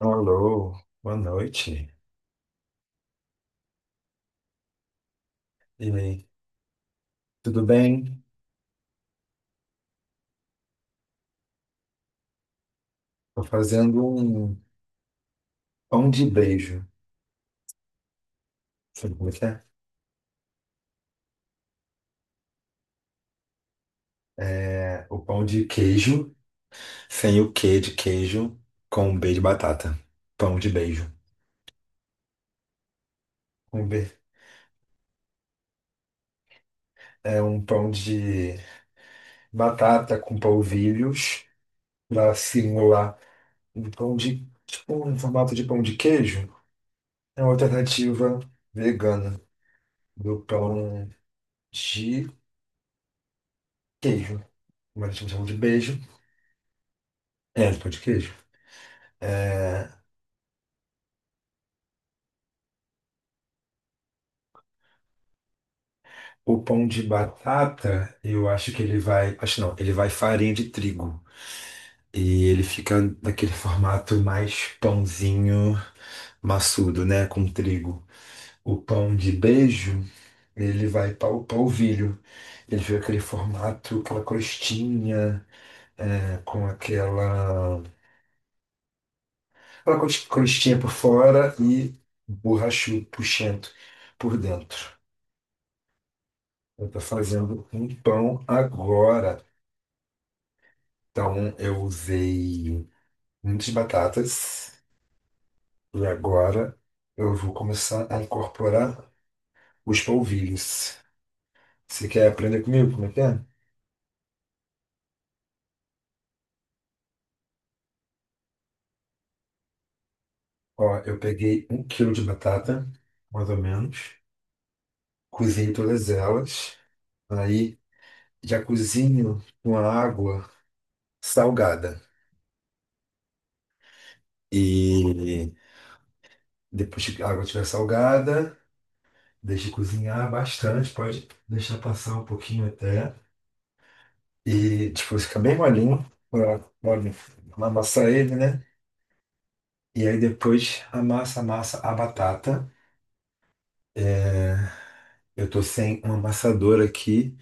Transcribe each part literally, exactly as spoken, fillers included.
Alô, boa noite. E aí, tudo bem? Tô fazendo um pão de beijo. Sabe como é que é? É o pão de queijo, sem o quê de queijo, com um B de batata. Pão de beijo. Um B. É um pão de batata com polvilhos, pra simular um pão de, tipo, um formato de pão de queijo. É uma alternativa vegana do pão de queijo. Mas a gente chama de beijo. É, de pão de queijo. É, o pão de batata, eu acho que ele vai. Acho não, ele vai farinha de trigo. E ele fica naquele formato mais pãozinho maçudo, né? Com trigo. O pão de beijo, ele vai para o polvilho. Ele fica aquele formato, aquela crostinha, é, com aquela, aquela cros- crostinha por fora e borrachudo, puxento por dentro. Eu tô fazendo um pão agora. Então, eu usei muitas batatas e agora eu vou começar a incorporar os polvilhos. Você quer aprender comigo como é que é? Ó, eu peguei um quilo de batata, mais ou menos, cozinhei todas elas, aí já cozinho com a água salgada. E depois que a água estiver salgada, deixe cozinhar bastante, pode deixar passar um pouquinho até. E, tipo, fica bem molinho. Olha, olha, amassa ele, né? E aí depois amassa, amassa a batata. É, eu tô sem um amassador aqui.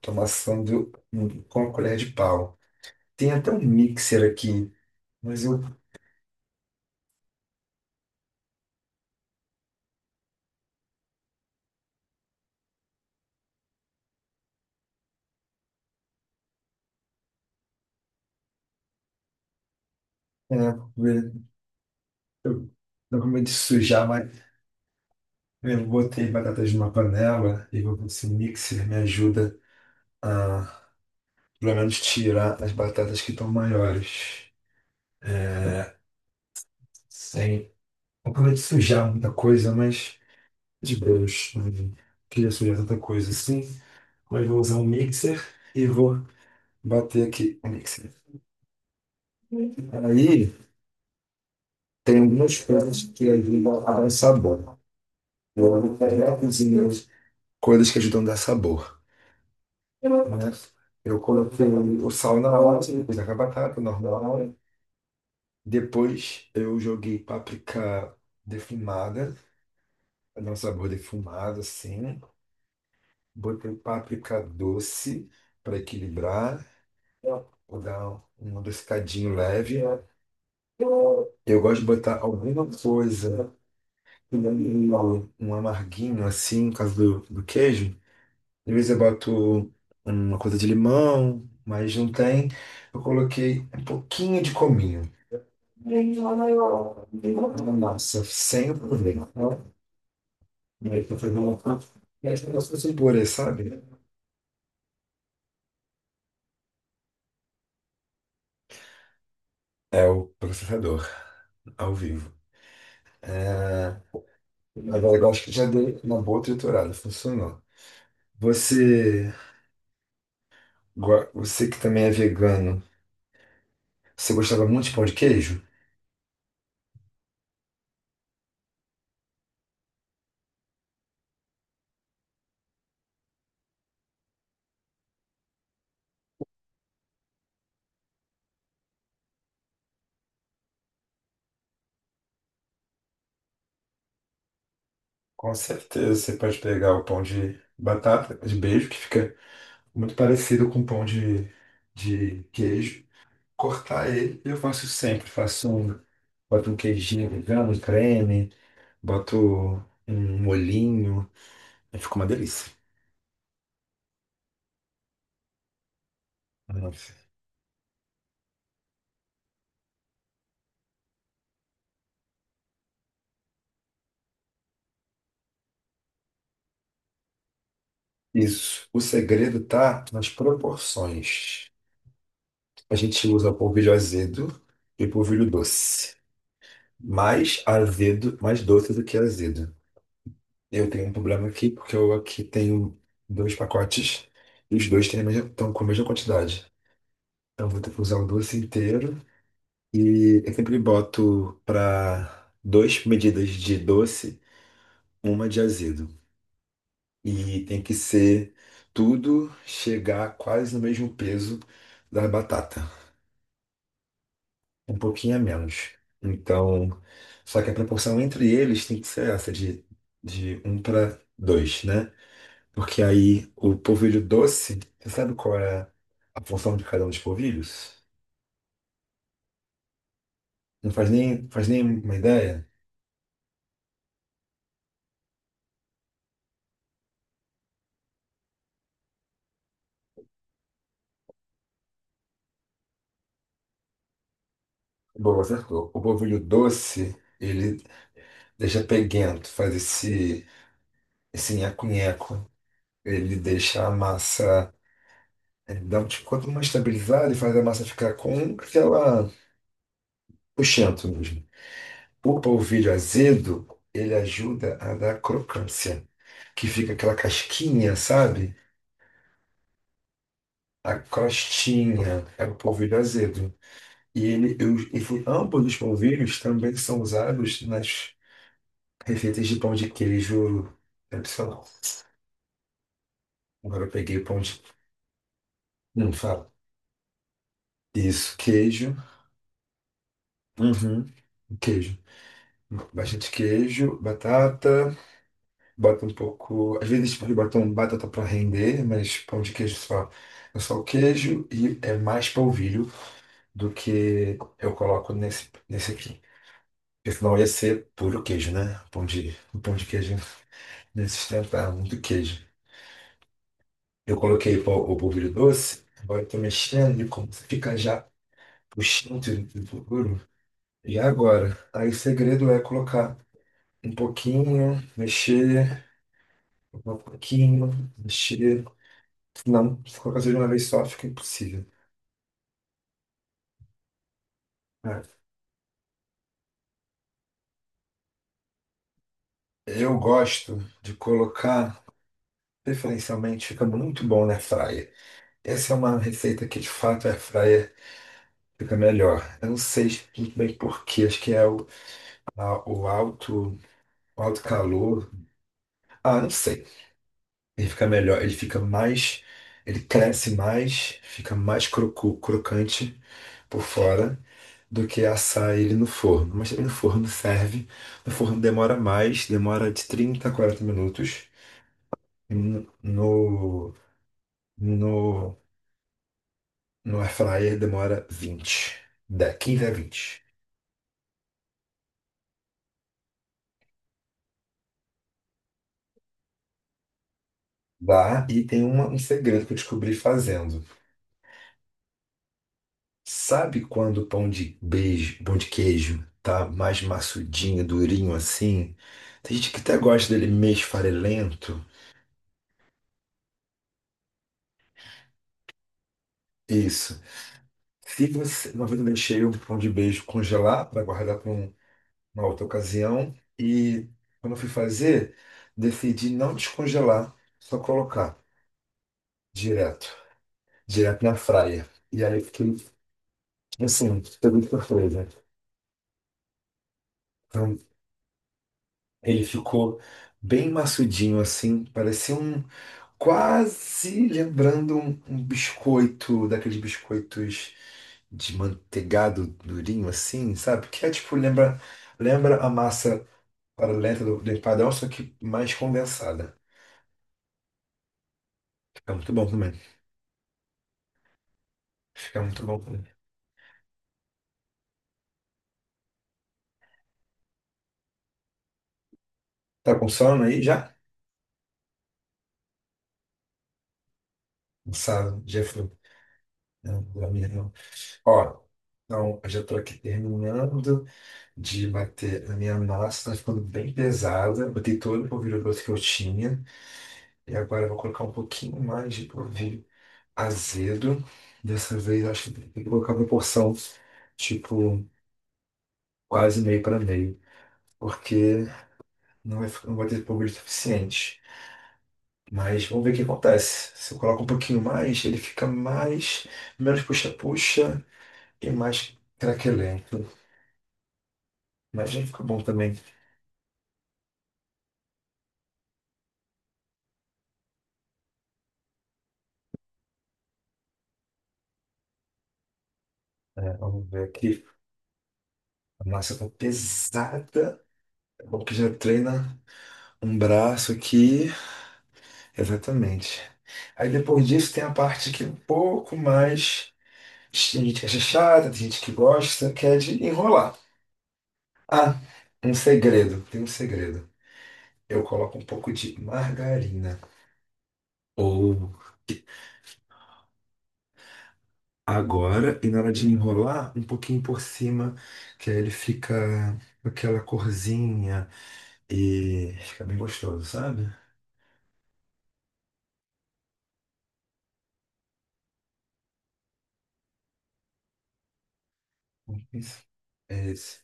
Tô amassando hum, com a colher de pau. Tem até um mixer aqui. Mas eu, é, eu, eu tô com medo de sujar, mas eu botei batatas numa panela. E vou Esse mixer me ajuda a, pelo menos, tirar as batatas que estão maiores. Sem... Não com medo de sujar muita coisa, mas... de Deus, não queria sujar tanta coisa assim, mas vou usar um mixer e vou bater aqui o mixer. Aí tem algumas coisas que ajudam a dar um sabor. Eu vou pegar cozinha coisas que ajudam a dar sabor, né? Eu coloquei o sal na hora, depois a batata normal. Depois eu joguei páprica defumada, para dar um sabor defumado assim. Botei páprica doce para equilibrar. Vou dar um adocicadinho leve. Eu gosto de botar alguma coisa, um um amarguinho assim, no caso do, do queijo. Às vezes eu boto uma coisa de limão, mas não tem. Eu coloquei um pouquinho de cominho. Nossa, sem problema. Aí eu fazer uma um purê, sabe? É o processador, ao vivo. É. Agora eu acho que já dei uma boa triturada, funcionou. Você Gua- Você que também é vegano, você gostava muito de pão de queijo? Com certeza, você pode pegar o pão de batata, de beijo, que fica muito parecido com o pão de, de queijo. Cortar ele, eu faço sempre, faço um, boto um queijinho vegano, um creme, boto um molhinho, aí fica uma delícia. Nossa. Isso. O segredo tá nas proporções. A gente usa polvilho azedo e polvilho doce, mais azedo, mais doce do que azedo. Eu tenho um problema aqui porque eu aqui tenho dois pacotes e os dois têm a mesma- estão com a mesma quantidade. Então eu vou ter que usar o doce inteiro e eu sempre boto para duas medidas de doce, uma de azedo. E tem que ser tudo chegar quase no mesmo peso da batata, um pouquinho a menos. Então, só que a proporção entre eles tem que ser essa de, de um para dois, né? Porque aí o polvilho doce, você sabe qual é a função de cada um dos polvilhos? Não faz nem, faz nem uma ideia? Bom, acertou. O polvilho doce, ele deixa peguento, faz esse, esse nheco-nheco. Ele deixa a massa, ele dá um tipo, quanto mais estabilizada e faz a massa ficar com aquela puxento mesmo. O polvilho azedo, ele ajuda a dar crocância, que fica aquela casquinha, sabe? A crostinha, é o polvilho azedo. E ele, eu, enfim, ambos os polvilhos também são usados nas receitas de pão de queijo tradicional. Agora eu peguei o pão de. Não fala. Isso, queijo. Uhum. Queijo. Bastante queijo, batata, bota um pouco. Às vezes eles botam batata para render, mas pão de queijo só. É só o queijo e é mais polvilho do que eu coloco nesse, nesse aqui. Porque senão ia ser puro queijo, né? Pão de, o pão de queijo ia se sustentar muito queijo. Eu coloquei po- o polvilho doce, agora eu tô mexendo e como você fica já puxando tudo do futuro. E agora? Aí o segredo é colocar um pouquinho, mexer, colocar um pouquinho, mexer. Não, se colocar tudo de uma vez só fica impossível. É. Eu gosto de colocar, preferencialmente, fica muito bom na fryer. Essa é uma receita que de fato a fryer fica melhor. Eu não sei muito bem por quê, acho que é o, a- o alto, o alto calor. Ah, não sei. Ele fica melhor, ele fica mais, ele cresce mais, fica mais crocu, crocante por fora do que assar ele no forno. Mas também no forno serve. No forno demora mais, demora de trinta a quarenta minutos. E No, no, no no air fryer demora vinte da quinze a vinte. Dá, e tem uma- um segredo que eu descobri fazendo. Sabe quando o pão de beijo, pão de queijo tá mais maçudinho, durinho assim? Tem gente que até gosta dele meio esfarelento. Isso. Se você, uma vez eu deixei um pão de beijo congelar para guardar para uma outra ocasião e quando eu fui fazer, decidi não descongelar, só colocar direto, direto na fraia. E aí eu fiquei assim, pegou de surpresa. Então ele ficou bem maçudinho assim, parecia um Quase lembrando um, um biscoito, daqueles biscoitos de manteigado durinho assim, sabe? Que é tipo, lembra, lembra a massa paralela do, do empadão, só que mais condensada. Fica muito bom também. Fica muito bom também. Tá com sono aí já? Cansado, já foi. Não, não, não. Ó, então, eu já tô aqui terminando de bater a minha massa, tá ficando bem pesada. Botei todo o polvilho grosso que eu tinha. E agora eu vou colocar um pouquinho mais de polvilho azedo. Dessa vez, acho que tem que colocar uma porção tipo, quase meio para meio, porque não vai, ficar- não vai ter público suficiente. Mas vamos ver o que acontece. Se eu coloco um pouquinho mais, ele fica mais, menos puxa-puxa e mais craquelento. Mas já fica bom também. É, vamos ver aqui. A massa tá pesada. É bom que já treina um braço aqui. Exatamente. Aí depois disso tem a parte aqui um pouco mais. Tem gente que acha chata, tem gente que gosta, que é de enrolar. Ah, um segredo, tem um segredo. Eu coloco um pouco de margarina. Ou agora, e na hora de enrolar, um pouquinho por cima, que aí ele fica com aquela corzinha e fica bem gostoso, sabe? Isso. É esse.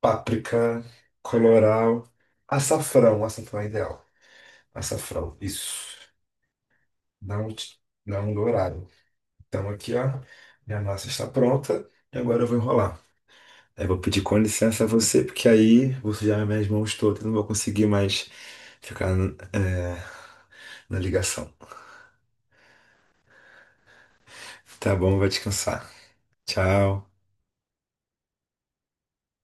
Páprica, colorau, açafrão, açafrão é ideal. Açafrão, isso. Não, não dourado. Então aqui, ó, minha massa está pronta e agora eu vou enrolar. Aí eu vou pedir com licença a você, porque aí vou sujar minhas mãos todas, não vou conseguir mais ficar, é, na ligação. Tá bom, vai descansar. Tchau.